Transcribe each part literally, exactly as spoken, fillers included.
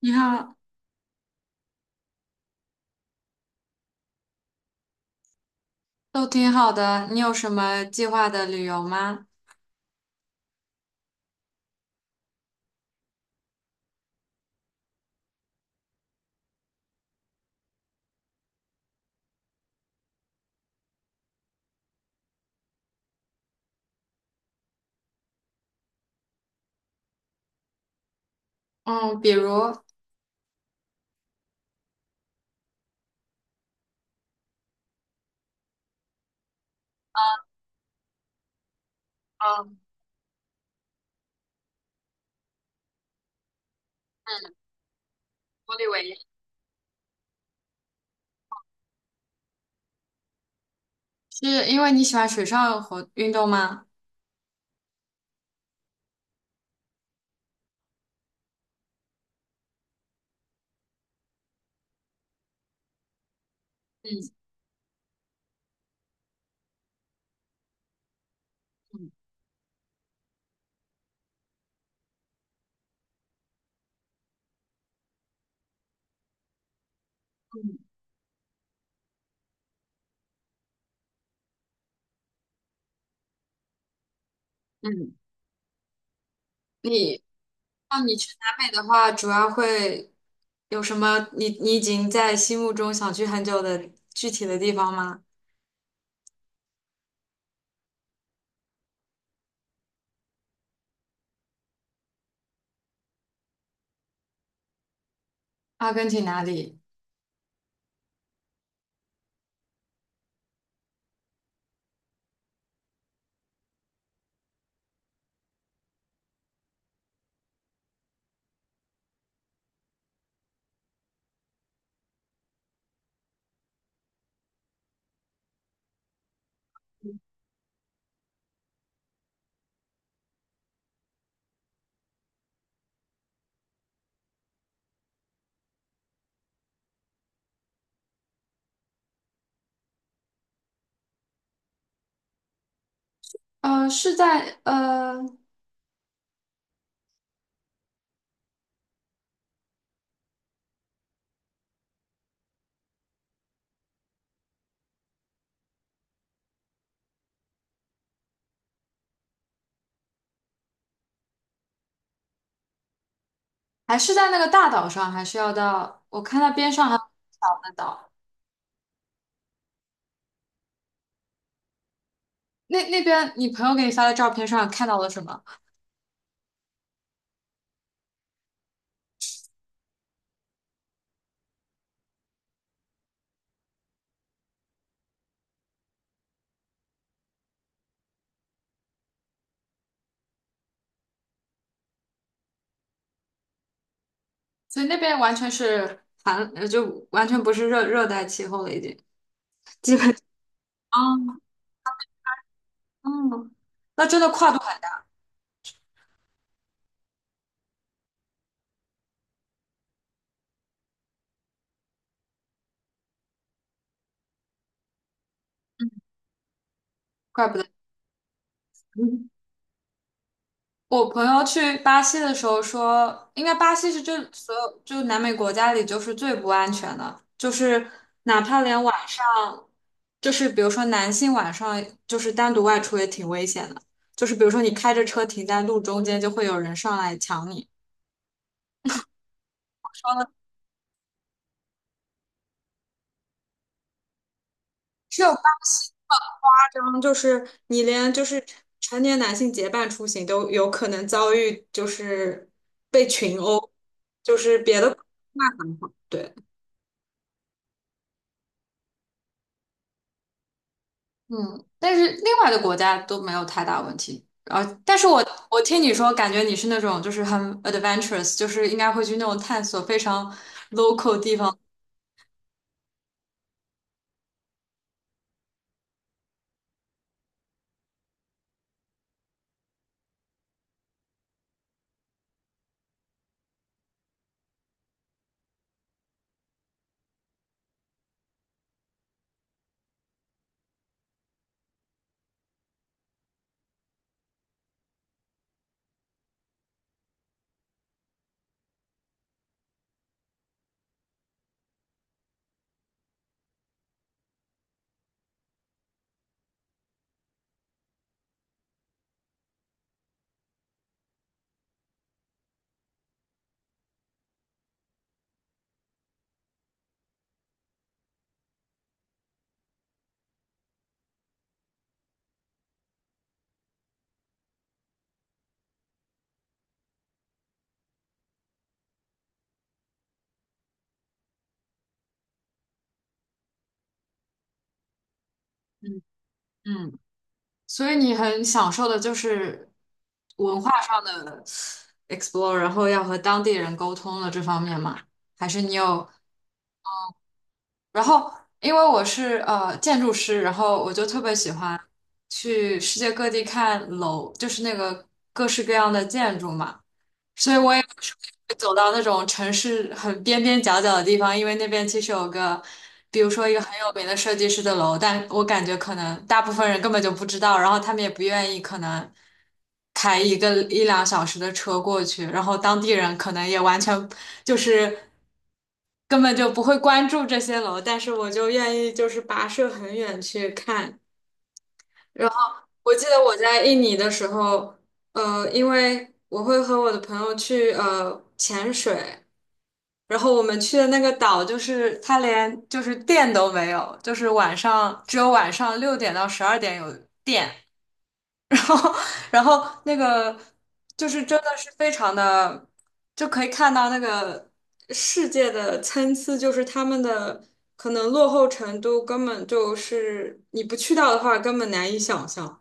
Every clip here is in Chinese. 你好，都挺好的。你有什么计划的旅游吗？嗯，比如，嗯嗯，嗯，玻利维亚是因为你喜欢水上活运动吗？嗯嗯嗯嗯，你，那你去南美的话，主要会有什么你？你已经在心目中想去很久的具体的地方吗？阿根廷哪里？呃，是在呃，还是在那个大岛上，还是要到？我看到边上还有小的岛。那那边你朋友给你发的照片上看到了什么？所以那边完全是寒，呃就完全不是热热带气候了，已经。基本啊嗯，那真的跨度很大，怪不得。嗯我朋友去巴西的时候说，应该巴西是就所有就南美国家里就是最不安全的，就是哪怕连晚上，就是比如说男性晚上就是单独外出也挺危险的，就是比如说你开着车停在路中间，就会有人上来抢你。只有巴西夸张，就是你连就是成年男性结伴出行都有可能遭遇，就是被群殴，就是别的那还好，对。嗯，但是另外的国家都没有太大问题。然后，但是我我听你说，感觉你是那种就是很 adventurous,就是应该会去那种探索非常 local 地。嗯嗯。所以你很享受的就是文化上的 explore,然后要和当地人沟通的这方面嘛？还是你有？然后因为我是呃建筑师，然后我就特别喜欢去世界各地看楼，就是那个各式各样的建筑嘛。所以我也不是会走到那种城市很边边角角的地方，因为那边其实有个，比如说一个很有名的设计师的楼，但我感觉可能大部分人根本就不知道，然后他们也不愿意可能开一个一两小时的车过去，然后当地人可能也完全就是根本就不会关注这些楼，但是我就愿意就是跋涉很远去看。我记得我在印尼的时候，呃，因为我会和我的朋友去呃潜水，然后我们去的那个岛就是它连就是电都没有，就是晚上只有晚上六点到十二点有电，然后然后那个就是真的是非常的，就可以看到那个世界的参差，就是他们的可能落后程度根本就是你不去到的话根本难以想象，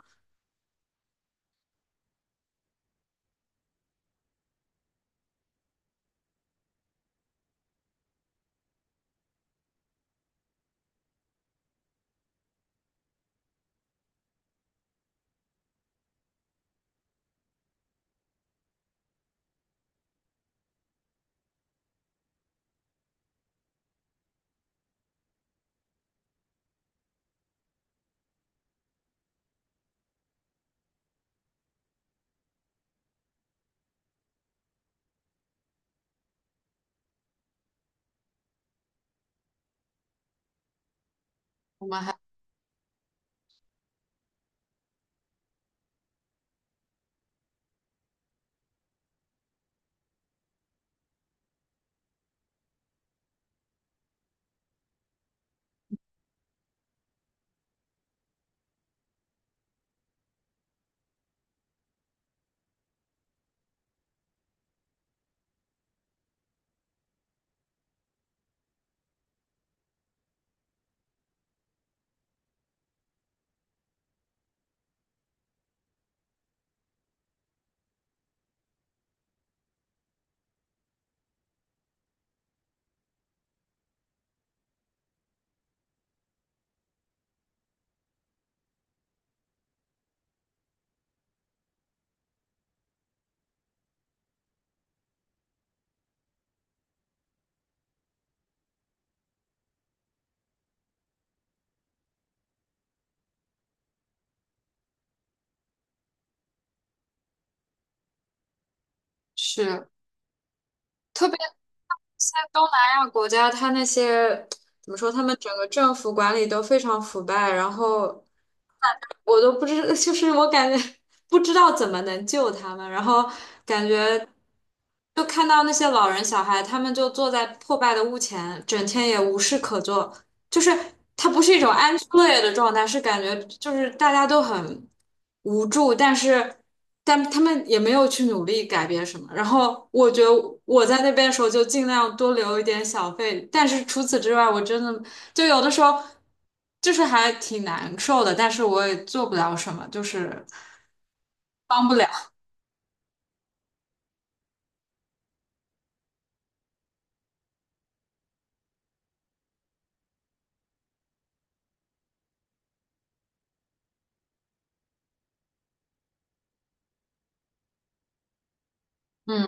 是。特别。在东南亚国家，他那些怎么说，他们整个政府管理都非常腐败，然后我都不知，就是我感觉不知道怎么能救他们，然后感觉就看到那些老人小孩，他们就坐在破败的屋前，整天也无事可做，就是它不是一种安 s 的状态，是感觉就是大家都很无助，但是但他们也没有去努力改变什么。然后我觉得我在那边的时候就尽量多留一点小费，但是除此之外，我真的就有的时候就是还挺难受的，但是我也做不了什么，就是帮不了。嗯，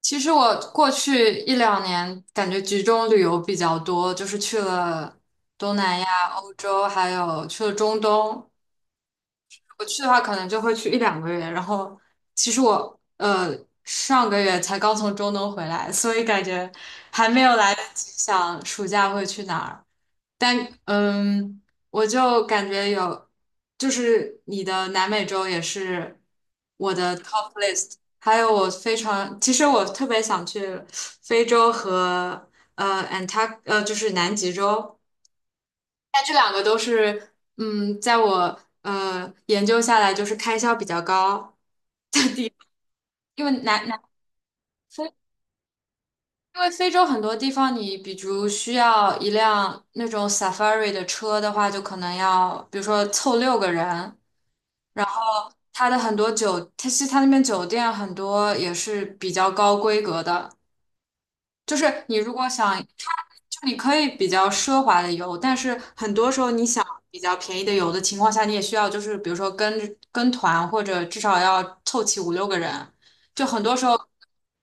其实我过去一两年感觉集中旅游比较多，就是去了东南亚、欧洲，还有去了中东。我去的话，可能就会去一两个月。然后，其实我呃上个月才刚从中东回来，所以感觉还没有来得及想暑假会去哪儿。但嗯，我就感觉有，就是你的南美洲也是我的 top list,还有我非常，其实我特别想去非洲和呃 a n t a r 呃就是南极洲。但这两个都是，嗯，在我呃研究下来，就是开销比较高的地方，因为南南非，因为非洲很多地方，你比如需要一辆那种 safari 的车的话，就可能要，比如说凑六个人，然后它的很多酒，它其实它那边酒店很多也是比较高规格的，就是你如果想你可以比较奢华的游，但是很多时候你想比较便宜的游的情况下，你也需要就是比如说跟跟团或者至少要凑齐五六个人，就很多时候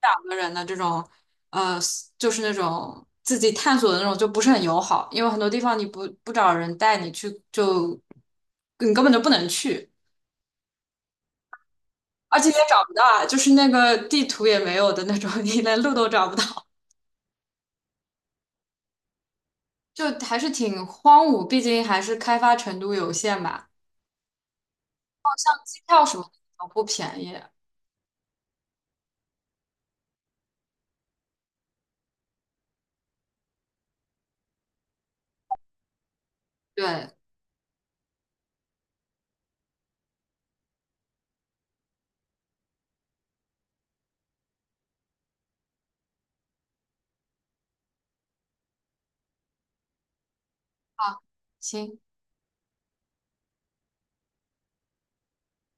两个人的这种呃就是那种自己探索的那种就不是很友好，因为很多地方你不不找人带你去，就你根本就不能去，而且也找不到啊，就是那个地图也没有的那种，你连路都找不到，就还是挺荒芜，毕竟还是开发程度有限吧。机票什么的都不便宜。对，啊，行，